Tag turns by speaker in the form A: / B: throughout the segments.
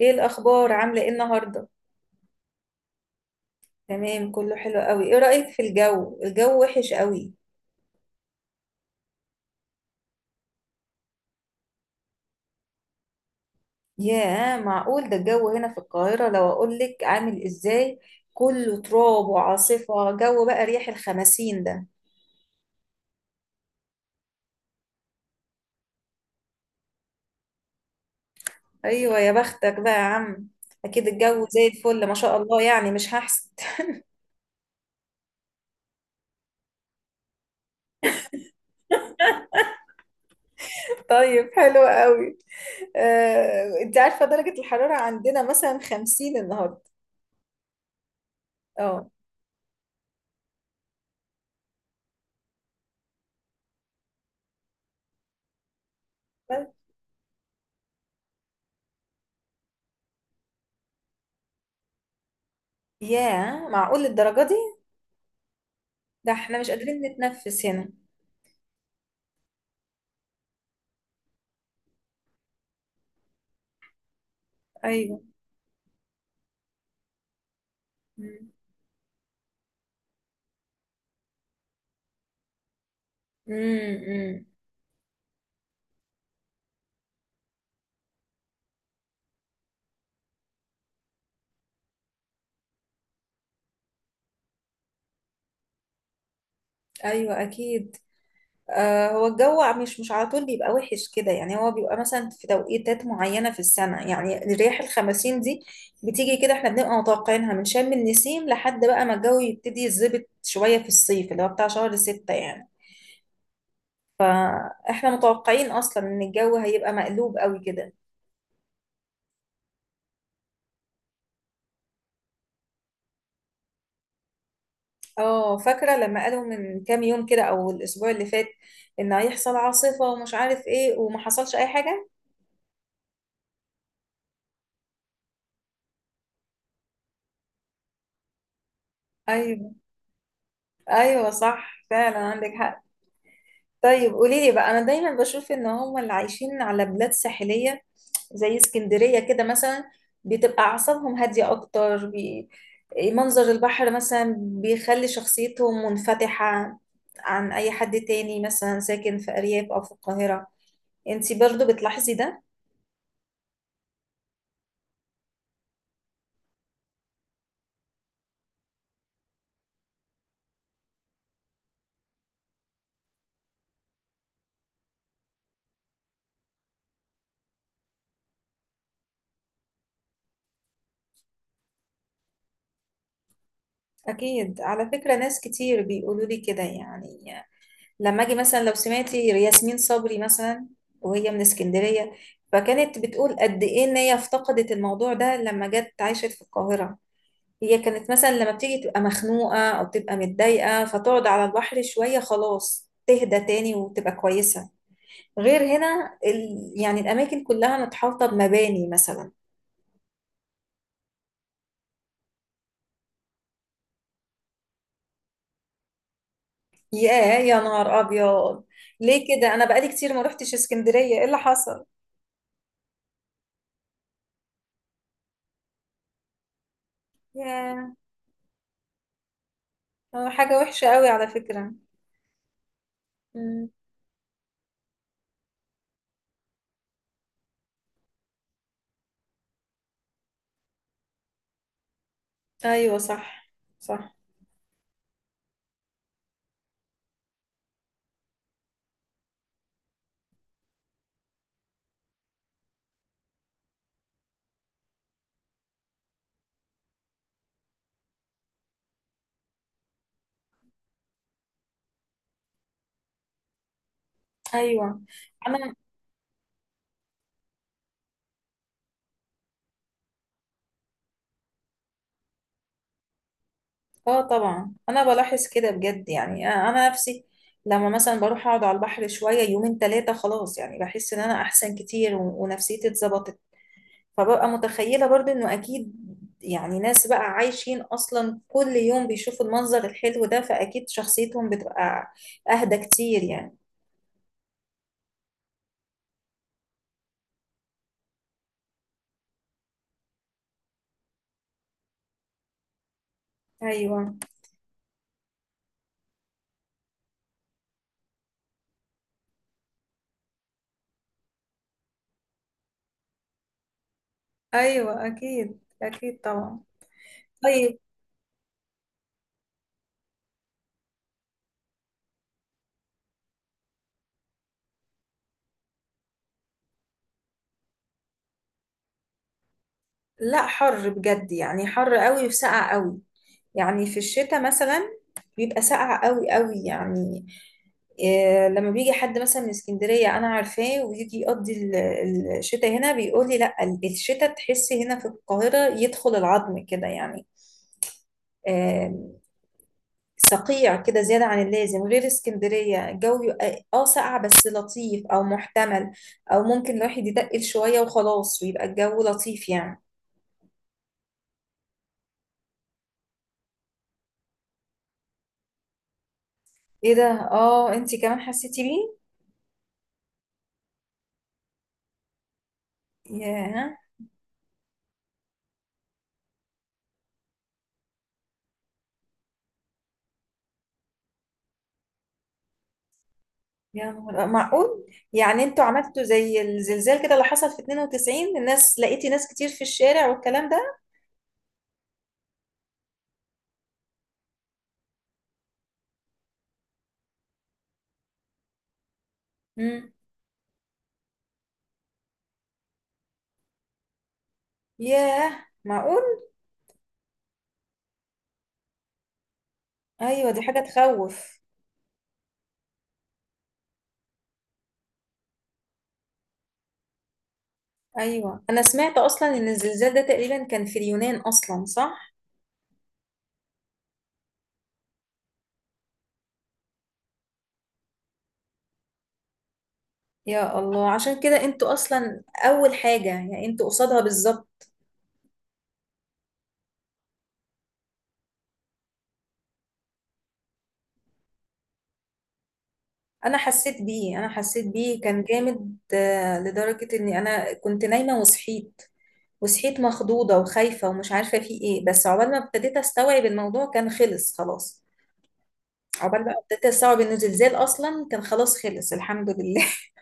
A: ايه الاخبار، عامله ايه النهارده؟ تمام، كله حلو قوي. ايه رايك في الجو؟ الجو وحش قوي. ياه، معقول؟ ده الجو هنا في القاهره لو اقول لك عامل ازاي، كله تراب وعاصفه، جو بقى ريح الخمسين ده. ايوه، يا بختك بقى يا عم. اكيد الجو زي الفل ما شاء الله، يعني مش هحسد. طيب، حلو قوي. انت عارفه درجه الحراره عندنا مثلا خمسين النهارده؟ اه. ياه، معقول الدرجه دي؟ ده احنا مش قادرين نتنفس هنا. ايوه. مم. مم. مم. ايوه اكيد. هو الجو مش على طول بيبقى وحش كده، يعني هو بيبقى مثلا في توقيتات معينه في السنه، يعني رياح الخمسين دي بتيجي كده. احنا بنبقى متوقعينها من شم النسيم لحد بقى ما الجو يبتدي يتظبط شويه في الصيف اللي هو بتاع شهر ستة يعني، فاحنا متوقعين اصلا ان الجو هيبقى مقلوب قوي كده. اه، فاكره لما قالوا من كام يوم كده او الاسبوع اللي فات ان هيحصل عاصفه ومش عارف ايه، وما حصلش اي حاجه. ايوه، صح، فعلا عندك حق. طيب، قولي لي بقى. انا دايما بشوف ان هم اللي عايشين على بلاد ساحليه زي اسكندريه كده مثلا بتبقى اعصابهم هاديه اكتر. منظر البحر مثلا بيخلي شخصيتهم منفتحه عن اي حد تاني مثلا ساكن في ارياف او في القاهره. انتي برضو بتلاحظي ده؟ اكيد، على فكره ناس كتير بيقولوا لي كده يعني. لما اجي مثلا لو سمعتي ياسمين صبري مثلا، وهي من اسكندرية، فكانت بتقول قد ايه ان هي افتقدت الموضوع ده لما جت عاشت في القاهرة. هي كانت مثلا لما بتيجي تبقى مخنوقة او تبقى متضايقة فتقعد على البحر شوية، خلاص تهدى تاني وتبقى كويسة. غير هنا يعني الاماكن كلها متحوطة بمباني مثلا. ياه، يا نهار ابيض. ليه كده؟ انا بقالي كتير ما روحتش اسكندرية، ايه اللي حصل؟ ياه. حاجة وحشة قوي على فكرة. ايوه، صح، صح. ايوه. انا. اه طبعا، انا بلاحظ كده بجد يعني. انا نفسي لما مثلا بروح اقعد على البحر شويه يومين ثلاثه، خلاص يعني بحس ان انا احسن كتير ونفسيتي اتظبطت. فببقى متخيله برضو انه اكيد يعني ناس بقى عايشين اصلا كل يوم بيشوفوا المنظر الحلو ده، فاكيد شخصيتهم بتبقى اهدى كتير يعني. ايوه، ايوه، اكيد، اكيد، طبعا. طيب. لا، حر بجد يعني، حر قوي وسقع قوي. يعني في الشتاء مثلا بيبقى ساقع قوي قوي يعني. إيه، لما بيجي حد مثلا من اسكندرية أنا عارفاه ويجي يقضي الشتاء هنا بيقول لي لا، الشتاء تحسي هنا في القاهرة يدخل العظم كده يعني. آم، صقيع كده زيادة عن اللازم. غير اسكندرية الجو يبقى اه ساقع بس لطيف، أو محتمل أو ممكن الواحد يتقل شوية وخلاص، ويبقى الجو لطيف يعني. ايه ده؟ اه، انتي كمان حسيتي بيه؟ ياه يا نهار، معقول. يعني انتوا عملتوا زي الزلزال كده اللي حصل في 92؟ الناس، لقيتي ناس كتير في الشارع والكلام ده؟ امم. ياه، معقول. ايوه، دي حاجة تخوف. ايوه، انا سمعت اصلا ان الزلزال ده تقريبا كان في اليونان اصلا، صح؟ يا الله، عشان كده انتوا اصلا اول حاجة يعني، انتوا قصادها بالظبط. انا حسيت بيه، انا حسيت بيه كان جامد، لدرجة اني انا كنت نايمة وصحيت. وصحيت مخضوضة وخايفة ومش عارفة في ايه، بس عقبال ما ابتديت استوعب الموضوع كان خلص خلاص. عقبال بقى ابتديت استوعب انه زلزال اصلا كان خلاص، خلص الحمد لله.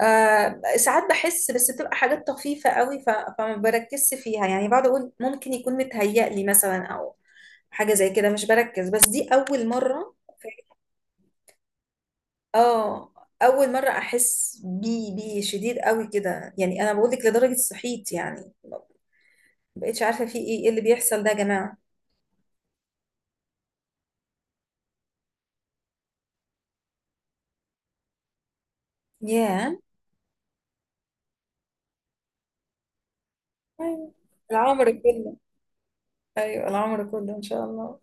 A: ساعات بحس بس بتبقى حاجات طفيفة قوي. فما بركزش فيها يعني، بقعد اقول ممكن يكون متهيأ لي مثلا او حاجة زي كده، مش بركز. بس دي اول مرة. اه، اول مرة احس بيه شديد قوي كده يعني، انا بقول لك لدرجة صحيت يعني، ما بقتش عارفة في ايه، ايه اللي بيحصل ده يا جماعة. ياه. أيوة. العمر كله. ايوه، العمر كله ان شاء الله.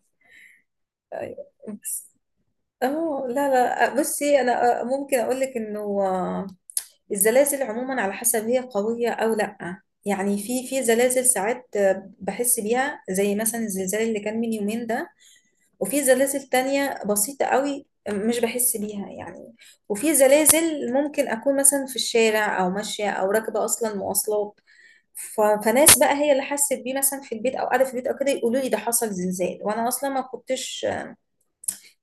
A: ايوه. بس. اه، لا، لا، بصي، انا ممكن اقول لك انه الزلازل عموما على حسب هي قويه او لا، يعني في في زلازل ساعات بحس بيها زي مثلا الزلزال اللي كان من يومين ده. وفي زلازل تانية بسيطه قوي مش بحس بيها يعني. وفي زلازل ممكن اكون مثلا في الشارع او ماشيه او راكبه اصلا مواصلات. فناس بقى هي اللي حست بيه مثلا في البيت او قاعده في البيت او كده، يقولوا لي ده حصل زلزال وانا اصلا ما كنتش،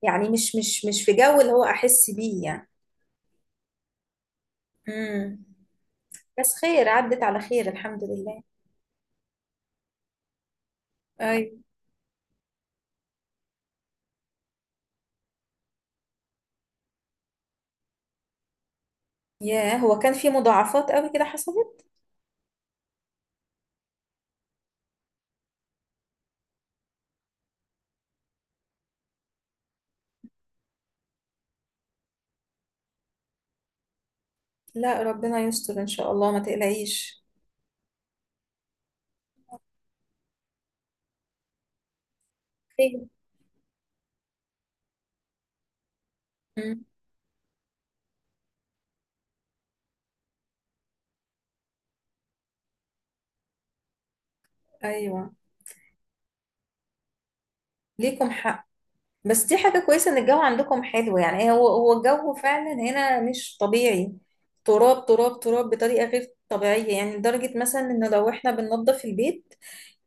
A: يعني مش في جو اللي هو احس بيه يعني. امم. بس خير، عدت على خير الحمد لله. ايوه. ياه، هو كان في مضاعفات قوي كده حصلت؟ لا، ربنا يستر ان شاء الله، ما تقلقيش. خير. امم. ايوه. ليكم حق. بس دي حاجة كويسة ان الجو عندكم حلو يعني. إيه، هو هو الجو فعلا هنا مش طبيعي. تراب، تراب، تراب بطريقة غير طبيعية يعني، لدرجة مثلا ان لو احنا بننظف البيت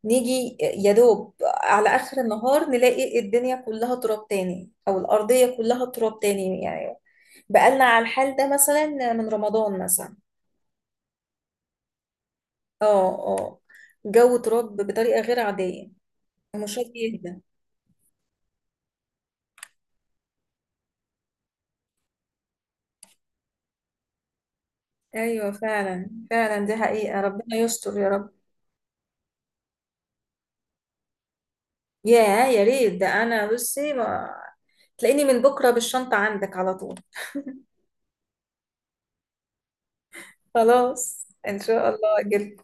A: نيجي يا دوب على اخر النهار نلاقي الدنيا كلها تراب تاني، او الارضية كلها تراب تاني يعني. بقالنا على الحال ده مثلا من رمضان مثلا. اه. اه. جو تراب بطريقة غير عادية. مشاكل جدا. ايوه، فعلا، فعلا دي حقيقة. ربنا يستر يا رب. ياه، يا ريت. ده انا بصي ما... تلاقيني من بكره بالشنطه عندك على طول. خلاص، ان شاء الله اجل.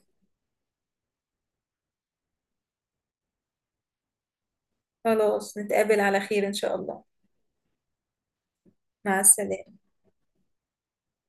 A: خلاص، نتقابل على خير ان شاء الله. مع السلامه.